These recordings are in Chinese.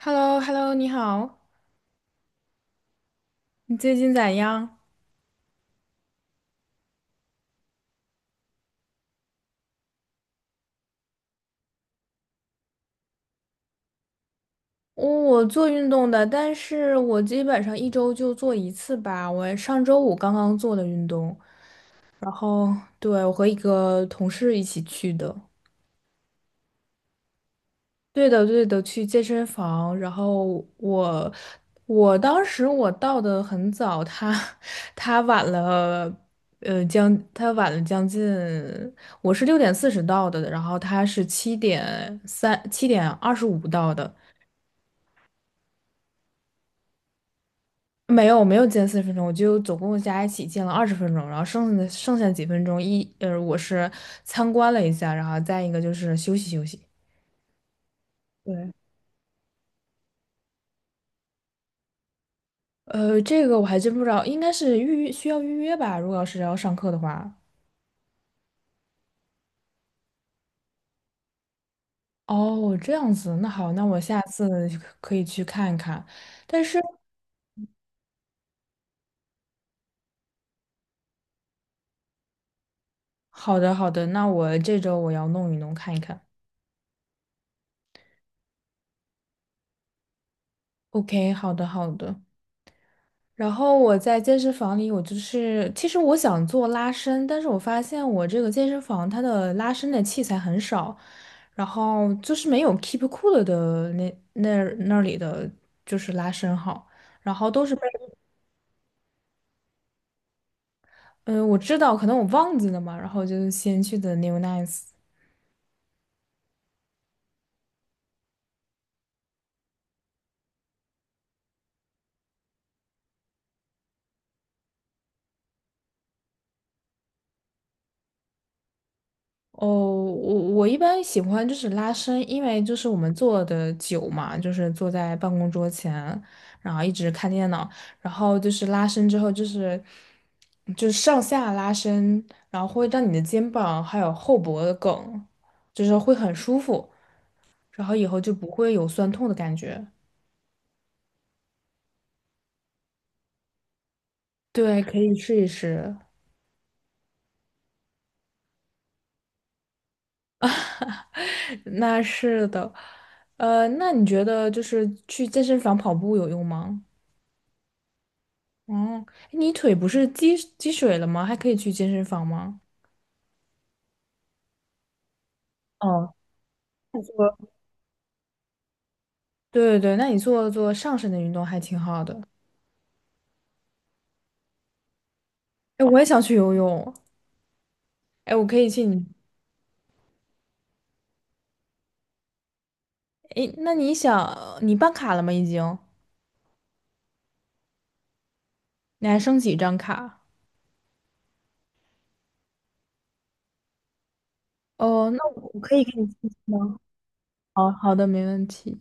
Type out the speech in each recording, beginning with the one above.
h e l l o h e l l o 你好，你最近咋样？我做运动的，但是我基本上一周就做一次吧。我上周五刚刚做的运动，然后对，我和一个同事一起去的。对的，对的，去健身房。然后我我当时我到的很早，他 他晚了，将他晚了将近，我是6:40到的，然后他是七点二十五到的。没有没有，见40分钟，我就总共加一起见了20分钟，然后剩下几分钟我是参观了一下，然后再一个就是休息休息。对，这个我还真不知道，应该是预约，需要预约吧？如果要是要上课的话，哦，这样子，那好，那我下次可以去看一看。但是，好的好的，那我这周我要弄一弄看一看。OK，好的好的。然后我在健身房里，我就是，其实我想做拉伸，但是我发现我这个健身房它的拉伸的器材很少，然后就是没有 Keep Cool 的那里的就是拉伸好，然后都是被嗯、我知道可能我忘记了嘛，然后就先去的 New Nice。哦，我一般喜欢就是拉伸，因为就是我们坐的久嘛，就是坐在办公桌前，然后一直看电脑，然后就是拉伸之后就是上下拉伸，然后会让你的肩膀还有后脖的梗，就是会很舒服，然后以后就不会有酸痛的感觉。对，可以试一试。那是的，那你觉得就是去健身房跑步有用吗？哦，你腿不是积水了吗？还可以去健身房吗？哦，他说对对对，那你做做上身的运动还挺好的。哎，我也想去游泳。哎，我可以去你。哎，那你想你办卡了吗？已经？你还剩几张卡？哦，那我可以给你寄吗？好好的，没问题。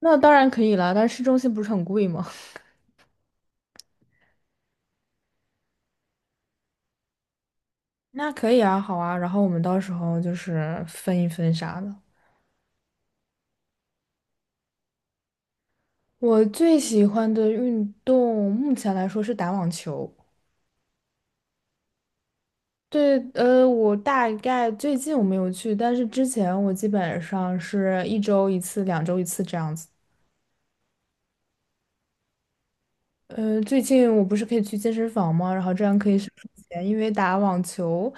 那当然可以了，但是市中心不是很贵吗？那可以啊，好啊。然后我们到时候就是分一分啥的。我最喜欢的运动目前来说是打网球。对，我大概最近我没有去，但是之前我基本上是一周一次、两周一次这样子。最近我不是可以去健身房吗？然后这样可以省钱，因为打网球，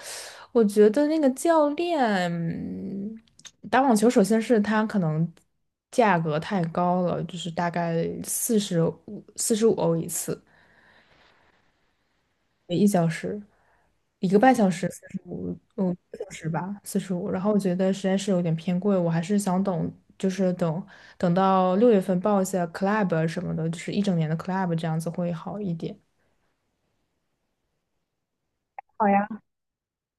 我觉得那个教练，嗯打网球首先是他可能价格太高了，就是大概四十五、45欧一次。一小时，一个半小时，四十五，一个小时吧，四十五。然后我觉得实在是有点偏贵，我还是想等，就是等到6月份报一下 club 什么的，就是一整年的 club 这样子会好一点。好呀。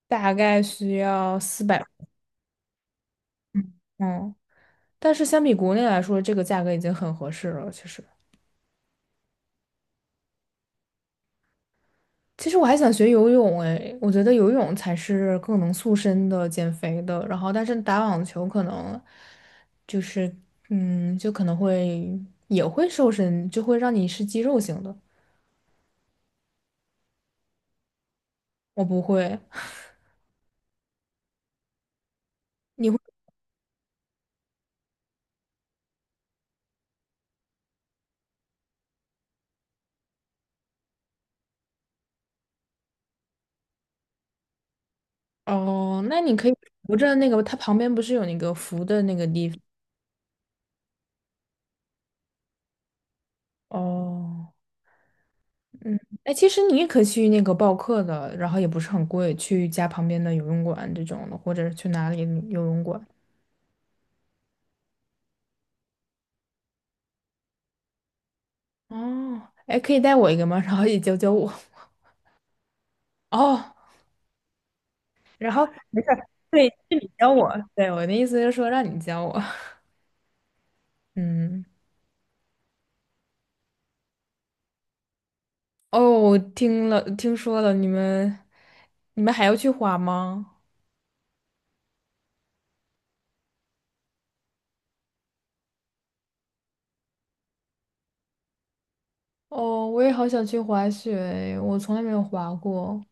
大概需要400，嗯，但是相比国内来说，这个价格已经很合适了，其实。其实我还想学游泳诶，我觉得游泳才是更能塑身的、减肥的。然后，但是打网球可能就是，就可能会也会瘦身，就会让你是肌肉型的。我不会，你会哦？那你可以扶着那个，它旁边不是有那个扶的那个地方？哦，嗯，哎，其实你也可以去那个报课的，然后也不是很贵，去家旁边的游泳馆这种的，或者去哪里游泳馆。哦，哎，可以带我一个吗？然后也教教我。哦，然后没事儿，对，是你教我。对，我的意思是说让你教我。嗯，哦，我听了，听说了，你们，你们还要去滑吗？哦，我也好想去滑雪，我从来没有滑过。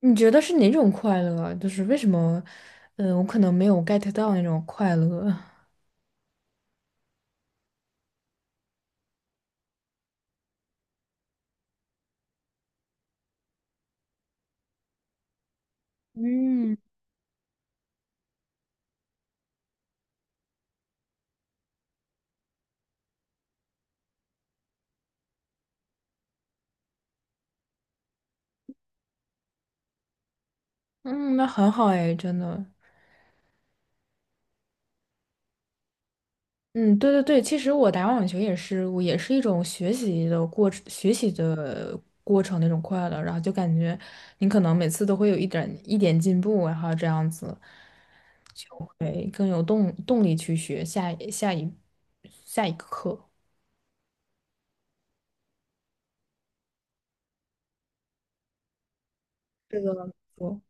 你觉得是哪种快乐啊，就是为什么，我可能没有 get 到那种快乐。嗯嗯，那很好哎，真的。嗯，对对对，其实我打网球也是，我也是一种学习的过程，学习的过程那种快乐，然后就感觉你可能每次都会有一点一点进步，然后这样子就会更有动力去学下一个课。这个怎么说。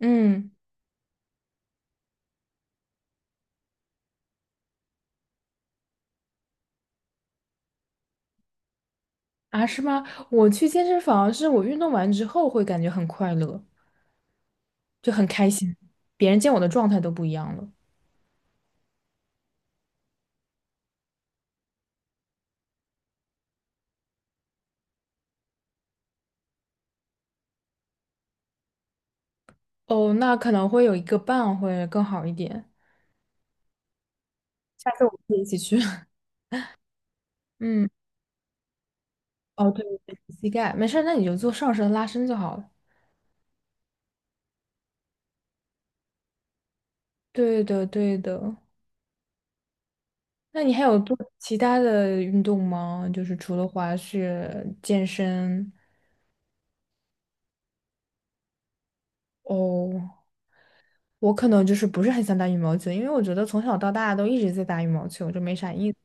嗯啊，是吗？我去健身房是我运动完之后会感觉很快乐，就很开心，别人见我的状态都不一样了。哦，那可能会有一个伴会更好一点。下次我们可以一起去。嗯，哦，对，对膝盖没事儿，那你就做上身拉伸就好了。对的，对的。那你还有做其他的运动吗？就是除了滑雪、健身。哦，我可能就是不是很想打羽毛球，因为我觉得从小到大都一直在打羽毛球，就没啥意思。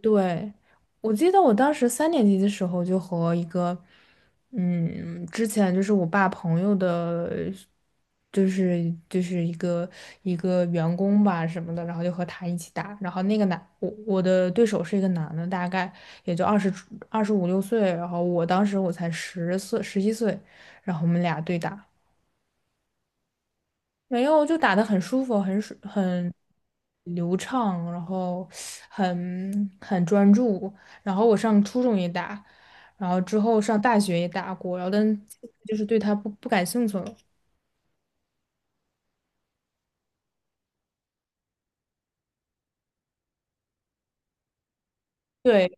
对，我记得我当时3年级的时候就和一个，嗯，之前就是我爸朋友的，就是一个员工吧什么的，然后就和他一起打，然后那个男，我的对手是一个男的，大概也就25、6岁，然后我当时我才10岁，11岁，然后我们俩对打。没有，就打得很舒服，很流畅，然后很专注。然后我上初中也打，然后之后上大学也打过，然后但就是对它不感兴趣了。对，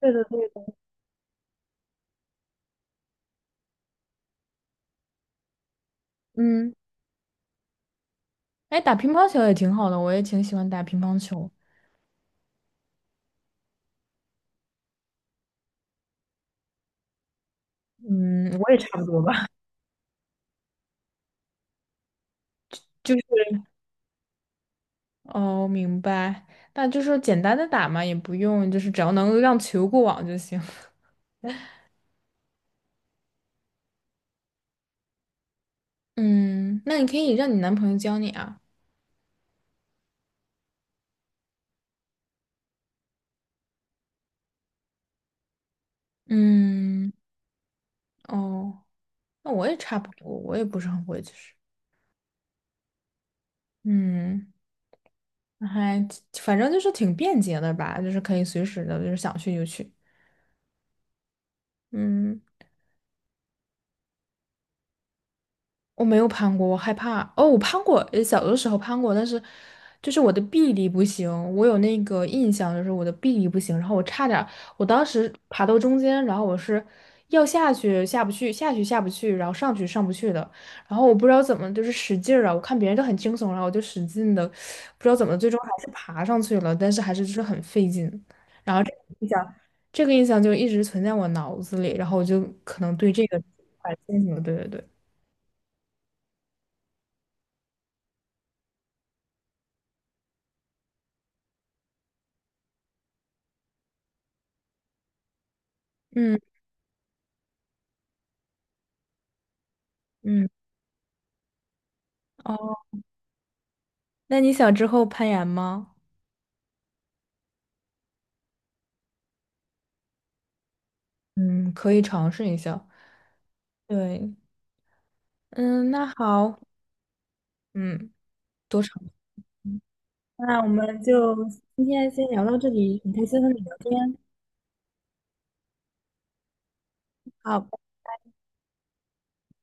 对的，对的。嗯，哎，打乒乓球也挺好的，我也挺喜欢打乒乓球。嗯，我也差不多吧。就是哦，明白。那就是简单的打嘛，也不用，就是只要能让球过网就行。嗯，那你可以让你男朋友教你啊。嗯。哦，那我也差不多，我也不是很会，其实，嗯，那还反正就是挺便捷的吧，就是可以随时的，就是想去就去，嗯，我没有攀过，我害怕。哦，我攀过，小的时候攀过，但是就是我的臂力不行，我有那个印象，就是我的臂力不行，然后我差点儿，我当时爬到中间，然后我是要下去下不去，下去下不去，然后上去上不去的，然后我不知道怎么就是使劲儿啊，我看别人都很轻松，然后我就使劲的，不知道怎么最终还是爬上去了，但是还是就是很费劲，然后这个印象，这个印象就一直存在我脑子里，然后我就可能对这个很清楚，对对对，嗯嗯。哦，那你想之后攀岩吗？嗯，可以尝试一下。对，嗯，那好，嗯，多尝试。那我们就今天先聊到这里，很开心和你聊天。好，